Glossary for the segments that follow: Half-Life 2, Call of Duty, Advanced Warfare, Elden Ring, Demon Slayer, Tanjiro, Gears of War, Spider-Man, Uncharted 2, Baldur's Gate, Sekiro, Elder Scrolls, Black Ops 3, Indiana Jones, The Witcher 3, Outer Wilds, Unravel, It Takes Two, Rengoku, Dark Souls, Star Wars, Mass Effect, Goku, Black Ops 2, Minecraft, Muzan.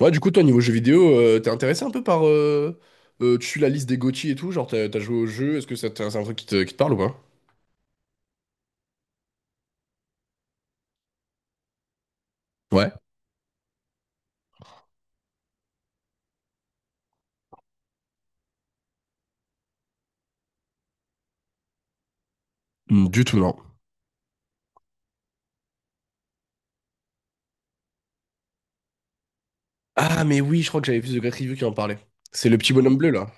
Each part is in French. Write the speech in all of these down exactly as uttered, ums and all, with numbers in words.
Ouais, du coup, toi, niveau jeux vidéo, euh, t'es intéressé un peu par... euh, euh, tu suis la liste des goty et tout, genre t'as t'as joué au jeu, est-ce que ça te- c'est un truc qui te, qui te parle ou pas? Ouais. Hmm, du tout, non. Ah, mais oui, je crois que j'avais vu The Great Review qui en parlait. C'est le petit bonhomme bleu, là.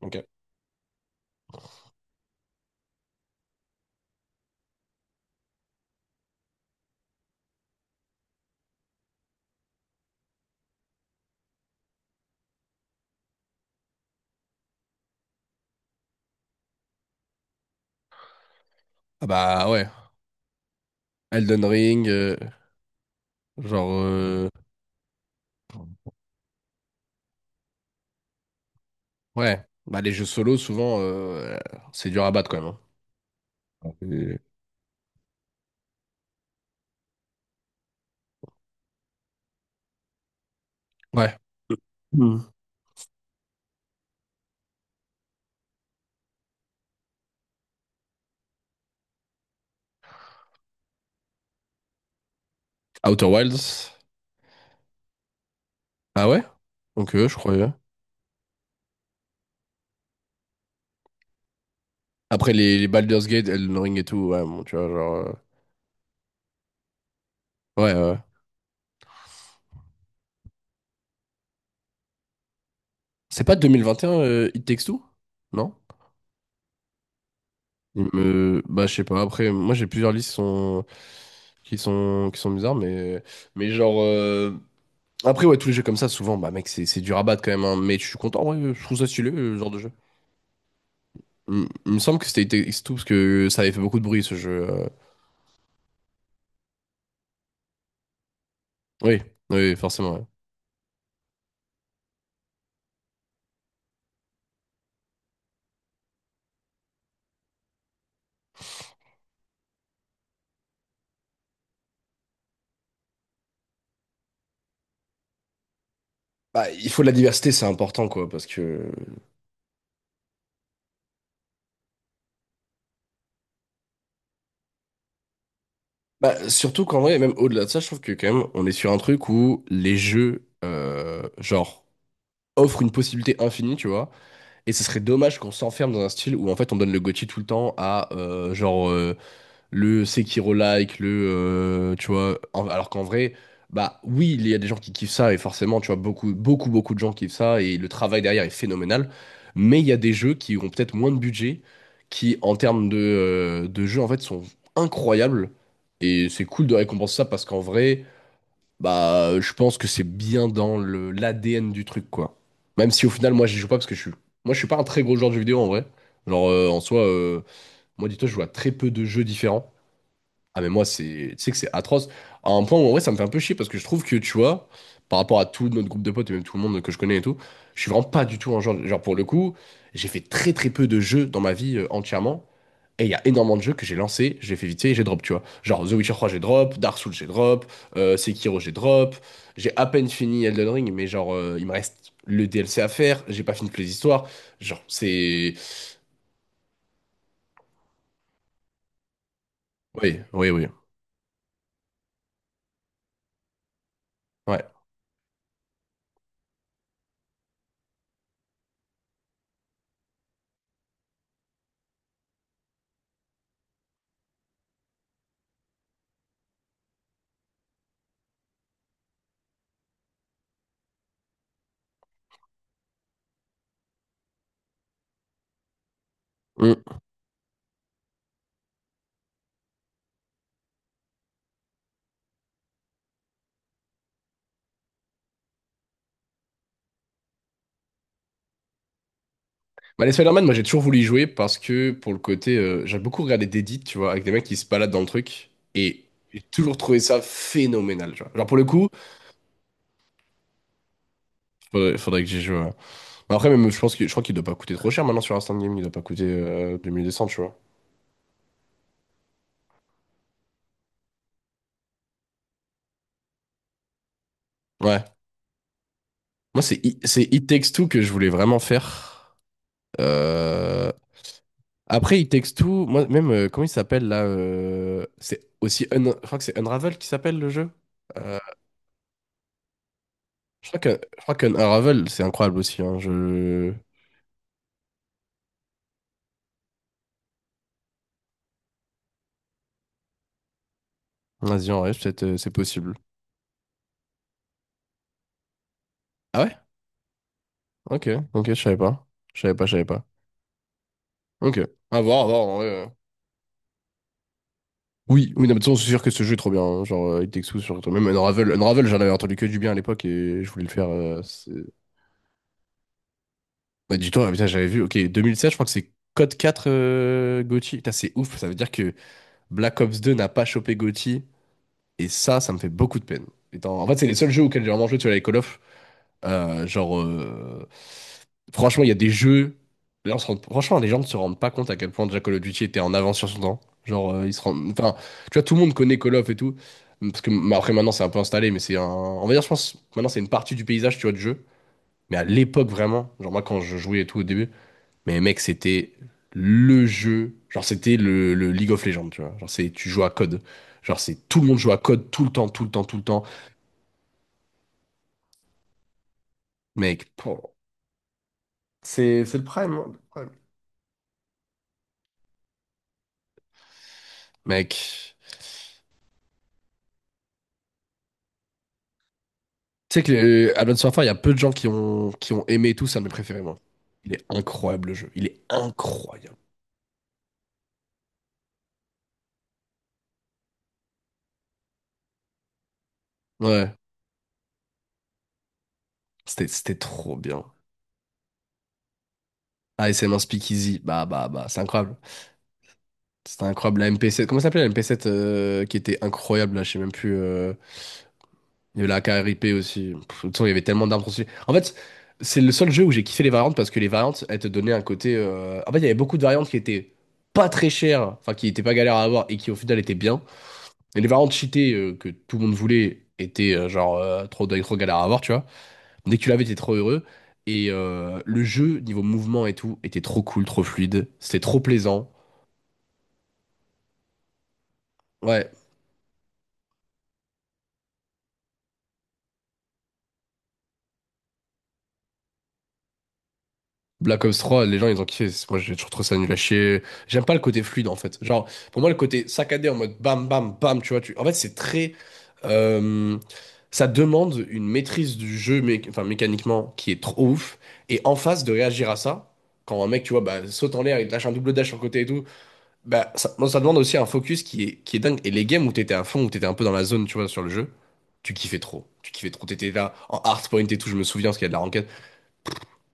Ok. Ah, bah ouais. Elden Ring, euh, genre... euh, ouais. Bah, les jeux solo, souvent, euh, c'est dur à battre quand même, hein. Euh, ouais. Hmm. Outer Wilds. Ah ouais? Ok, je croyais. Après les, les Baldur's Gate, Elden Ring et tout, ouais, bon, tu vois, genre... euh, ouais, ouais. C'est pas deux mille vingt et un, euh, It Takes Two? Non? Il me... bah, je sais pas, après moi j'ai plusieurs listes qui sont... qui sont qui sont bizarres, mais mais genre euh, après, ouais, tous les jeux comme ça souvent, bah mec, c'est c'est du rabat quand même, hein. Mais je suis content, ouais, je trouve ça stylé, le genre de jeu. Il, il me semble que c'était It Takes Two parce que ça avait fait beaucoup de bruit, ce jeu. euh. Oui, oui, forcément, ouais. Bah, il faut de la diversité, c'est important, quoi, parce que bah, surtout qu'en vrai, même au-delà de ça, je trouve que quand même on est sur un truc où les jeux euh, genre offrent une possibilité infinie, tu vois. Et ce serait dommage qu'on s'enferme dans un style où en fait on donne le goty tout le temps à euh, genre euh, le Sekiro-like, le euh, tu vois, en- alors qu'en vrai, bah oui, il y a des gens qui kiffent ça et forcément, tu vois, beaucoup, beaucoup, beaucoup de gens kiffent ça et le travail derrière est phénoménal. Mais il y a des jeux qui ont peut-être moins de budget, qui en termes de, euh, de jeux en fait sont incroyables, et c'est cool de récompenser ça, parce qu'en vrai. Bah, euh, je pense que c'est bien dans le l'A D N du truc, quoi. Même si au final, moi, j'y joue pas parce que je suis, moi, je suis pas un très gros joueur de jeux vidéo en vrai. Genre, euh, en soi, euh, moi, dis-toi, je joue à très peu de jeux différents. Ah, mais moi, c'est, tu sais que c'est atroce. À un point où en vrai, ça me fait un peu chier parce que je trouve que, tu vois, par rapport à tout notre groupe de potes et même tout le monde que je connais et tout, je suis vraiment pas du tout un genre, genre pour le coup, j'ai fait très très peu de jeux dans ma vie euh, entièrement. Et il y a énormément de jeux que j'ai lancés, j'ai fait vite fait et j'ai drop, tu vois. Genre The Witcher trois, j'ai drop, Dark Souls, j'ai drop, euh, Sekiro, j'ai drop. J'ai à peine fini Elden Ring, mais genre, euh, il me reste le D L C à faire, j'ai pas fini toutes les histoires. Genre, c'est. Oui, oui, oui. Ouais. Mm. Bah, les Spider-Man, moi j'ai toujours voulu y jouer parce que pour le côté. Euh, j'ai beaucoup regardé d'edits, tu vois, avec des mecs qui se baladent dans le truc, et j'ai toujours trouvé ça phénoménal, tu vois. Genre, pour le coup, faudrait, faudrait que j'y joue, ouais. Mais après, même, je pense que, je crois qu'il doit pas coûter trop cher maintenant sur Instant Game, il doit pas coûter euh, deux mille deux cents, tu vois. Ouais. Moi, c'est I- c'est It Takes Two que je voulais vraiment faire. Euh, Après, It Takes Two, moi, même, euh, comment il s'appelle là, euh, c'est aussi. Un- Je crois que c'est Unravel qui s'appelle le jeu. Euh, Je crois que, je crois qu'Unravel, c'est incroyable aussi, hein. Je... Vas-y, en vrai, peut-être, euh, c'est possible. Ah ouais? Ok, ok, je savais pas. Je savais pas, je savais pas. Ok. À voir, à voir, en vrai, euh. Oui, oui, non, mais de toute façon, c'est sûr que ce jeu est trop bien, hein. Genre, euh, It Takes Two, surtout. Même Unravel, Unravel, j'en avais entendu que du bien à l'époque et je voulais le faire. euh, c'est- Bah, dis-toi, ah, putain, j'avais vu, ok, deux mille sept, je crois que c'est Code quatre, euh, goty. Putain, c'est ouf, ça veut dire que Black Ops deux n'a pas chopé goty, et ça, ça me fait beaucoup de peine. Étant- En fait, c'est les seuls jeux auxquels j'ai vraiment joué, tu vois, les Call of. Euh, genre, euh, franchement, il y a des jeux. Là, on se rend- Franchement, les gens ne se rendent pas compte à quel point déjà Call of Duty était en avance sur son temps. Genre, euh, ils se rendent. Enfin, tu vois, tout le monde connaît Call of et tout. Parce que bah, après, maintenant, c'est un peu installé, mais c'est un. On va dire, je pense, maintenant, c'est une partie du paysage, tu vois, du jeu. Mais à l'époque, vraiment, genre, moi, quand je jouais et tout au début. Mais mec, c'était le jeu. Genre, c'était le, le League of Legends, tu vois. Genre, c'est, tu joues à code. Genre, c'est tout le monde joue à code tout le temps, tout le temps, tout le temps. Mec, pour- c'est c'est le prime, hein, le prime. Mec, tu sais que le, Advance Warfare, il y a peu de gens qui ont, qui ont aimé et tout, ça mes préférés, moi. Il est incroyable, le jeu. Il est incroyable. Ouais, c'était c'était trop bien. A S M un Speakeasy, bah, bah, bah, c'est incroyable. C'était incroyable. La M P sept, comment ça s'appelait la M P sept, euh, qui était incroyable, là, je sais même plus. euh, Il y avait la KRIP aussi. Pff, de toute façon, il y avait tellement d'armes trop... En fait, c'est le seul jeu où j'ai kiffé les variantes, parce que les variantes, elles te donnaient un côté. euh, En fait, il y avait beaucoup de variantes qui étaient pas très chères, enfin, qui étaient pas galères à avoir et qui au final étaient bien. Et les variantes cheatées, euh, que tout le monde voulait, étaient euh, genre euh, trop, trop galères à avoir, tu vois. Dès que tu l'avais, t'étais trop heureux. Et euh, le jeu, niveau mouvement et tout, était trop cool, trop fluide. C'était trop plaisant. Ouais, Black Ops trois, les gens ils ont kiffé. C'est- Moi j'ai toujours trouvé ça nul à chier. J'aime pas le côté fluide en fait. Genre, pour moi le côté saccadé en mode bam bam bam, tu vois. Tu... En fait, c'est très. euh, Ça demande une maîtrise du jeu mé- enfin, mécaniquement qui est trop ouf. Et en face de réagir à ça, quand un mec, tu vois, bah, saute en l'air, il te lâche un double dash sur le côté et tout, bah, ça, moi, ça demande aussi un focus qui est, qui est dingue. Et les games où t'étais à fond, où t'étais un peu dans la zone, tu vois, sur le jeu, tu kiffais trop. Tu kiffais trop. T'étais là en hardpoint et tout, je me souviens, parce qu'il y a de la ranked.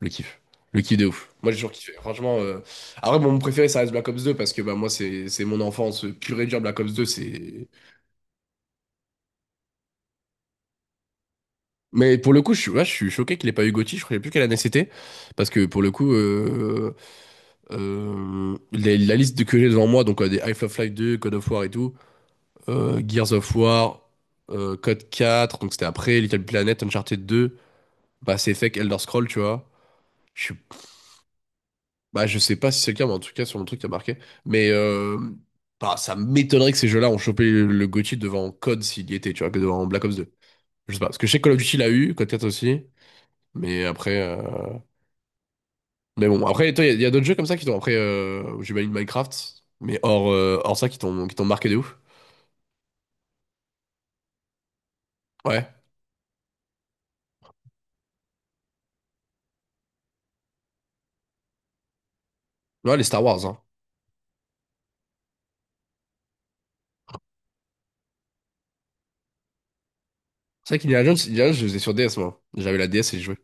Le kiff. Le kiff de ouf. Moi, j'ai toujours kiffé. Franchement, euh, après, bon, mon préféré, ça reste Black Ops deux parce que bah, moi, c'est c'est mon enfance pure et dure. Black Ops deux, c'est. Mais pour le coup, je suis, ouais, je suis choqué qu'il ait pas eu goty. Je ne savais plus quelle année c'était. Parce que pour le coup, euh, euh, les- la liste de- que j'ai devant moi, donc euh, des Half of Life deux, Code of War et tout, euh, Gears of War, euh, Code quatre, donc c'était après, Little Planet, Uncharted deux, Mass Effect, Elder Scrolls, tu vois. Je suis... Bah, je sais pas si c'est le cas, mais en tout cas, sur le truc, t'as marqué. Mais euh, bah, ça m'étonnerait que ces jeux-là ont chopé le, le goty devant COD s'il y était, tu vois, que devant Black Ops deux. Je sais pas. Parce que je sais que Call of Duty l'a eu, COD quatre aussi. Mais après. euh, Mais bon, après, toi, il y a, il y a d'autres jeux comme ça qui t'ont. Après, euh... j'imagine Minecraft. Mais hors, euh, hors ça, qui t'ont qui t'ont marqué de ouf. Ouais. Ouais, les Star Wars, hein. C'est vrai qu'Indiana Jones, Indiana Jones, je les faisais sur D S, moi. J'avais la D S et j'y jouais.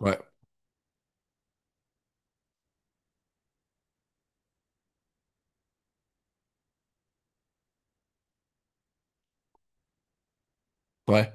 Ouais. Ouais.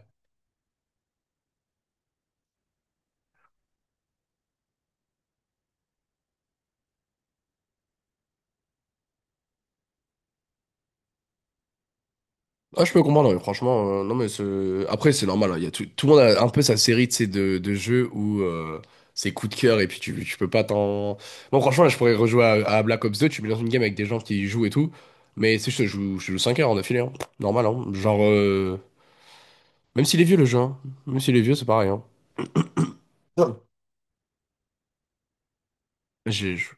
Ah, je peux comprendre, ouais, franchement, euh, non, mais ce- après, c'est normal, hein, il y a tout... tout le monde a un peu sa série de ces de... de jeux où euh, c'est coup de cœur et puis tu, tu peux pas t'en. Bon, franchement, là, je pourrais rejouer à... à Black Ops deux. Tu me lances une game avec des gens qui y jouent et tout. Mais c'est juste, je joue, je joue cinq heures en affilée, hein. Normal, hein. Genre, euh, même s'il est vieux le jeu, hein. Même s'il est vieux, c'est pareil. Hein. Non. J'ai- je-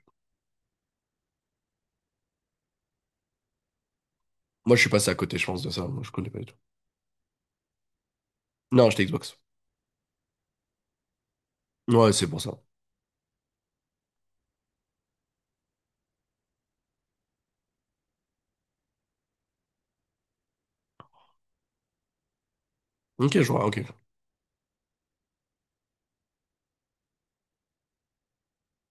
Moi, je suis passé à côté, je pense, de ça. Moi, je connais pas du tout. Non, j'étais Xbox. Ouais, c'est pour ça. Ok, je vois, ok.